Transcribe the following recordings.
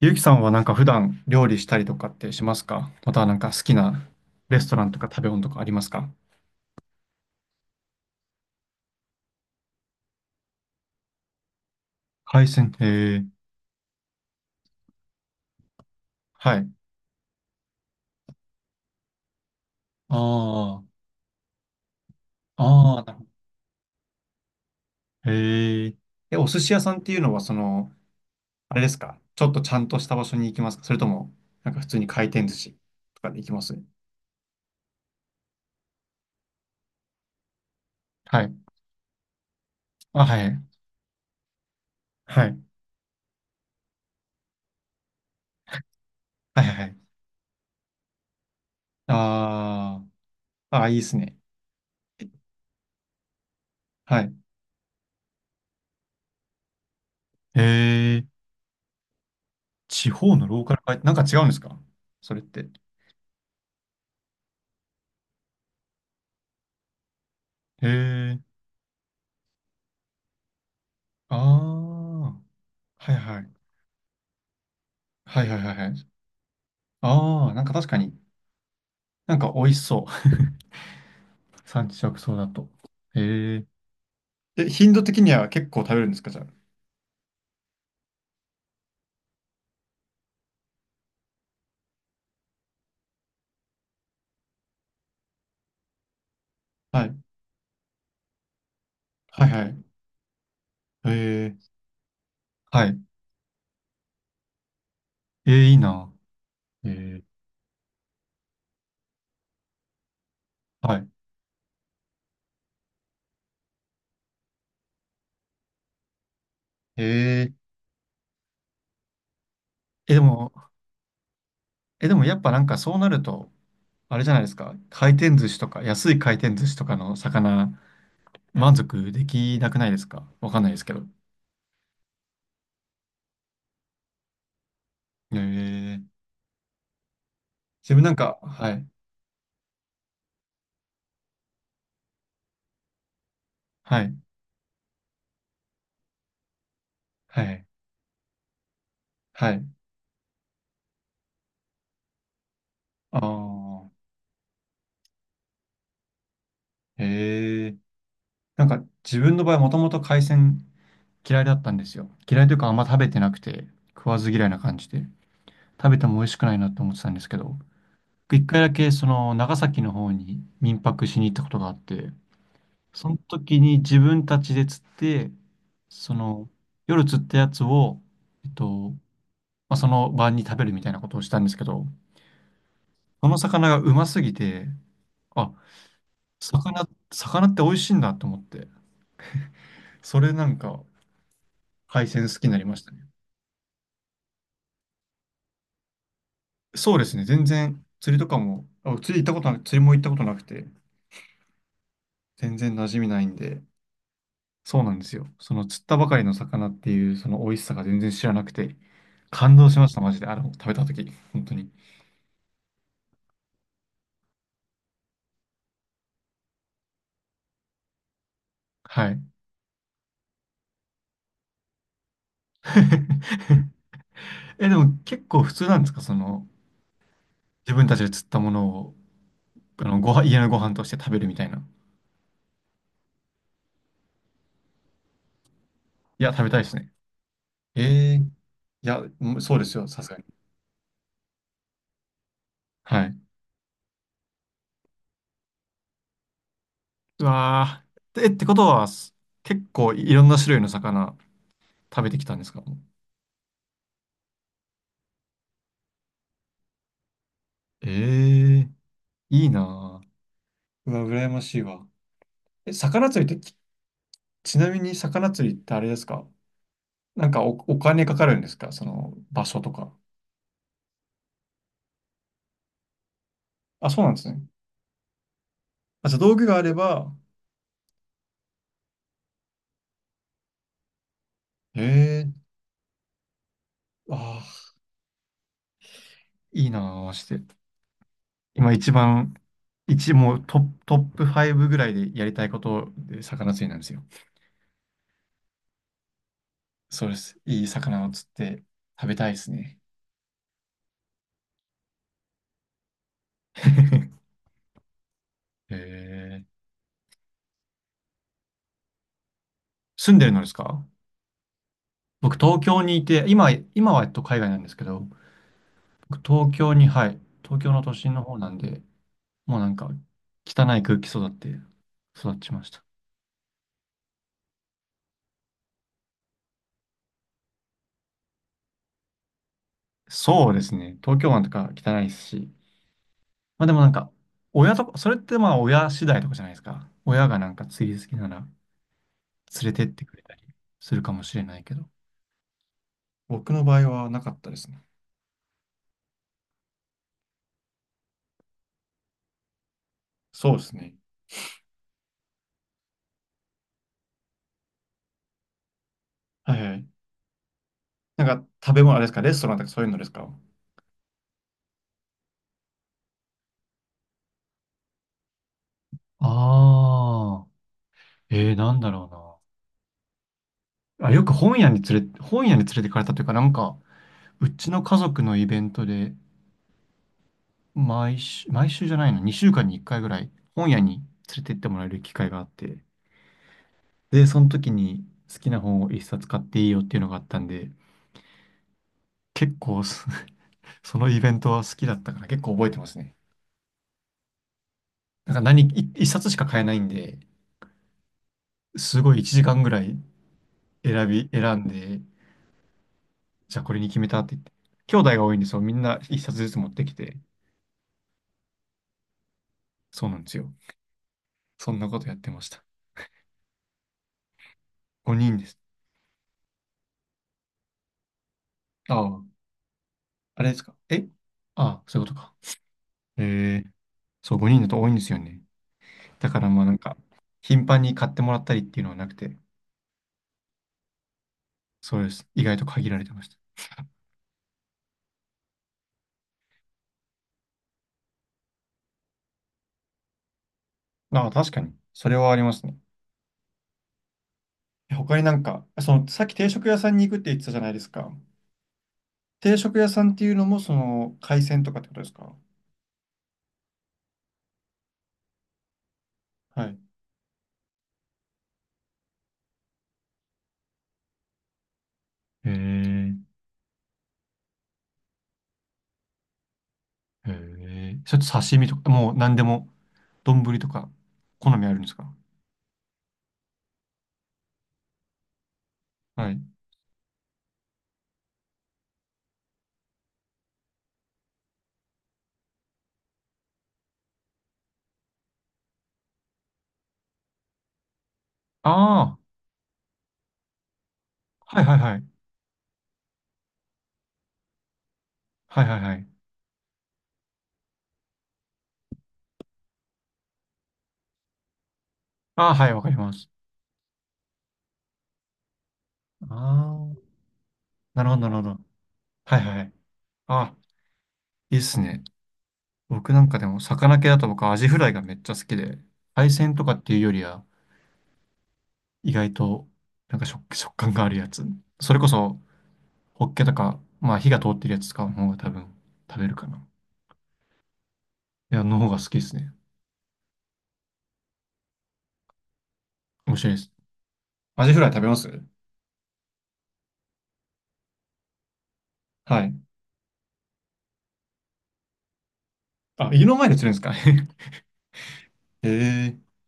ゆうきさんは普段料理したりとかってしますか？またはなんか好きなレストランとか食べ物とかありますか？海鮮。へえ。はい。ああ、ああ、なるほど。へえ。え、お寿司屋さんっていうのはその、あれですか？ちょっとちゃんとした場所に行きますか？それとも、なんか普通に回転寿司とかで行きます？はい。あ、はい。はい。はいはいはい。ああ、ああ、いいですね。はい。へえ。地方のローカル回転、なんか違うんですか、それって？へえ。ああ、はいはい。はいはいはいはい。ああ、なんか確かに、なんか美味しそう。産地直送だと。へえ。え、頻度的には結構食べるんですか、じゃあ？はい。はいはい。へえ。はい。えー、いいな。へえー。はい。へえー。え、でも、え、でもやっぱなんかそうなると、あれじゃないですか。回転寿司とか、安い回転寿司とかの魚、満足できなくないですか？わかんないですけど。へえー。自分なんか、はい。はい。はい。はい。ああ。へえ。なんか自分の場合もともと海鮮嫌いだったんですよ。嫌いというかあんま食べてなくて食わず嫌いな感じで食べても美味しくないなって思ってたんですけど、一回だけその長崎の方に民泊しに行ったことがあって、その時に自分たちで釣って、その夜釣ったやつを、えっと、まあ、その晩に食べるみたいなことをしたんですけど、その魚がうますぎて、あ、魚って美味しいんだと思って、それなんか海鮮好きになりましたね。そうですね。全然釣りとかも、あ、釣り行ったことなく、釣りも行ったことなくて、全然馴染みないんで、そうなんですよ。その釣ったばかりの魚っていうその美味しさが全然知らなくて、感動しました、マジで。あの、食べたとき、本当に。はい。え、でも結構普通なんですか、その、自分たちで釣ったものを、あの、ご飯、家のご飯として食べるみたいな。いや、食べたいですね。ええ、いや、うんそうですよ、さすがに。はい。うわー。え、ってことは、す結構いろんな種類の魚、食べてきたんですか？ええいいなぁ。うわ、羨ましいわ。え、魚釣りって、ち、ちなみに魚釣りってあれですか、なんかお、お金かかるんですか、その場所とか。あ、そうなんですね。あ、じゃあ道具があれば、へえ、ああいいなぁ、マ今一番、一、もうトップ、トップ5ぐらいでやりたいことで魚釣りなんですよ。そうです。いい魚を釣って食べたいですね。へえ、住んでるのですか？僕、東京にいて、今、今は、海外なんですけど、僕、東京に、はい、東京の都心の方なんで、もうなんか、汚い空気育って、育ちました。そうですね。東京湾とか汚いですし、まあでもなんか、親とか、それってまあ親次第とかじゃないですか。親がなんか釣り好きなら連れてってくれたりするかもしれないけど、僕の場合はなかったですね。そうですね。はいはい。なんか、食べ物あれですか、レストランとかそういうのですか？ああ、えー、なんだろうな。あ、よく本屋に連れ、本屋に連れてかれたというか、なんか、うちの家族のイベントで、毎週、毎週じゃないの、2週間に1回ぐらい、本屋に連れて行ってもらえる機会があって、で、その時に好きな本を1冊買っていいよっていうのがあったんで、結構そ、そのイベントは好きだったから結構覚えてますね。なんか何、1冊しか買えないんで、すごい1時間ぐらい選んで、じゃあこれに決めたって言って、兄弟が多いんで、そう、みんな1冊ずつ持ってきて、そうなんですよ。そんなことやってました。5人です。ああ、あれですか。え、ああ、そういうことか。えー、そう、5人だと多いんですよね。だからまあなんか、頻繁に買ってもらったりっていうのはなくて、そうです。意外と限られてました。ああ、確かに。それはありますね。え他になんか、その、さっき定食屋さんに行くって言ってたじゃないですか。定食屋さんっていうのも、その、海鮮とかってことですか？はい。へえ、へえ。ちょっと刺身とか、もう何でも、丼とか、好みあるんですか？はい。ああ、はいはいはい。はいはいはい。ああ、はい、わかります。ああ、なるほど、なるほど。はいはい。あ、いいっすね。僕なんかでも、魚系だと僕、アジフライがめっちゃ好きで、海鮮とかっていうよりは、意外と、なんか食感があるやつ。それこそ、ホッケとか、まあ、火が通ってるやつ使う方が多分、食べるかな。いや、の方が好きですね。面白いです。アジフライ食べます？はい。あ、家の前で釣れるんですか？ へえ。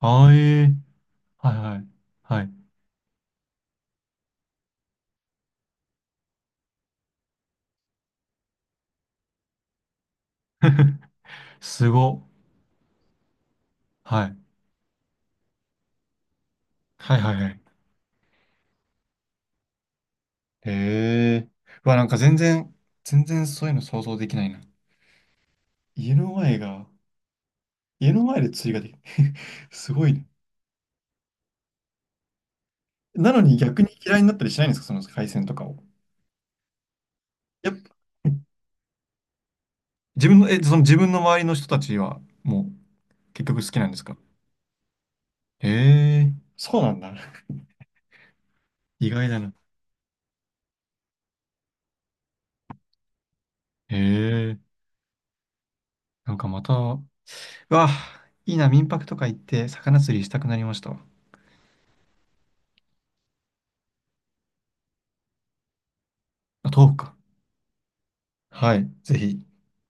あーえーはいはいはい。すごはいはいはいはいへえ。うわ、なんか全然、全然そういうの想像できないな。家の前が、家の前で釣りができる。すごいね。なのに逆に嫌いになったりしないんですか、その海鮮とかを。やっぱ、自分の、え、その自分の周りの人たちは、もう、結局好きなんですか？へえ。そうなんだ。意外だな。へえ。なんかまた、うわ、いいな、民泊とか行って、魚釣りしたくなりましたわ。あ、豆腐か。はい、ぜひ。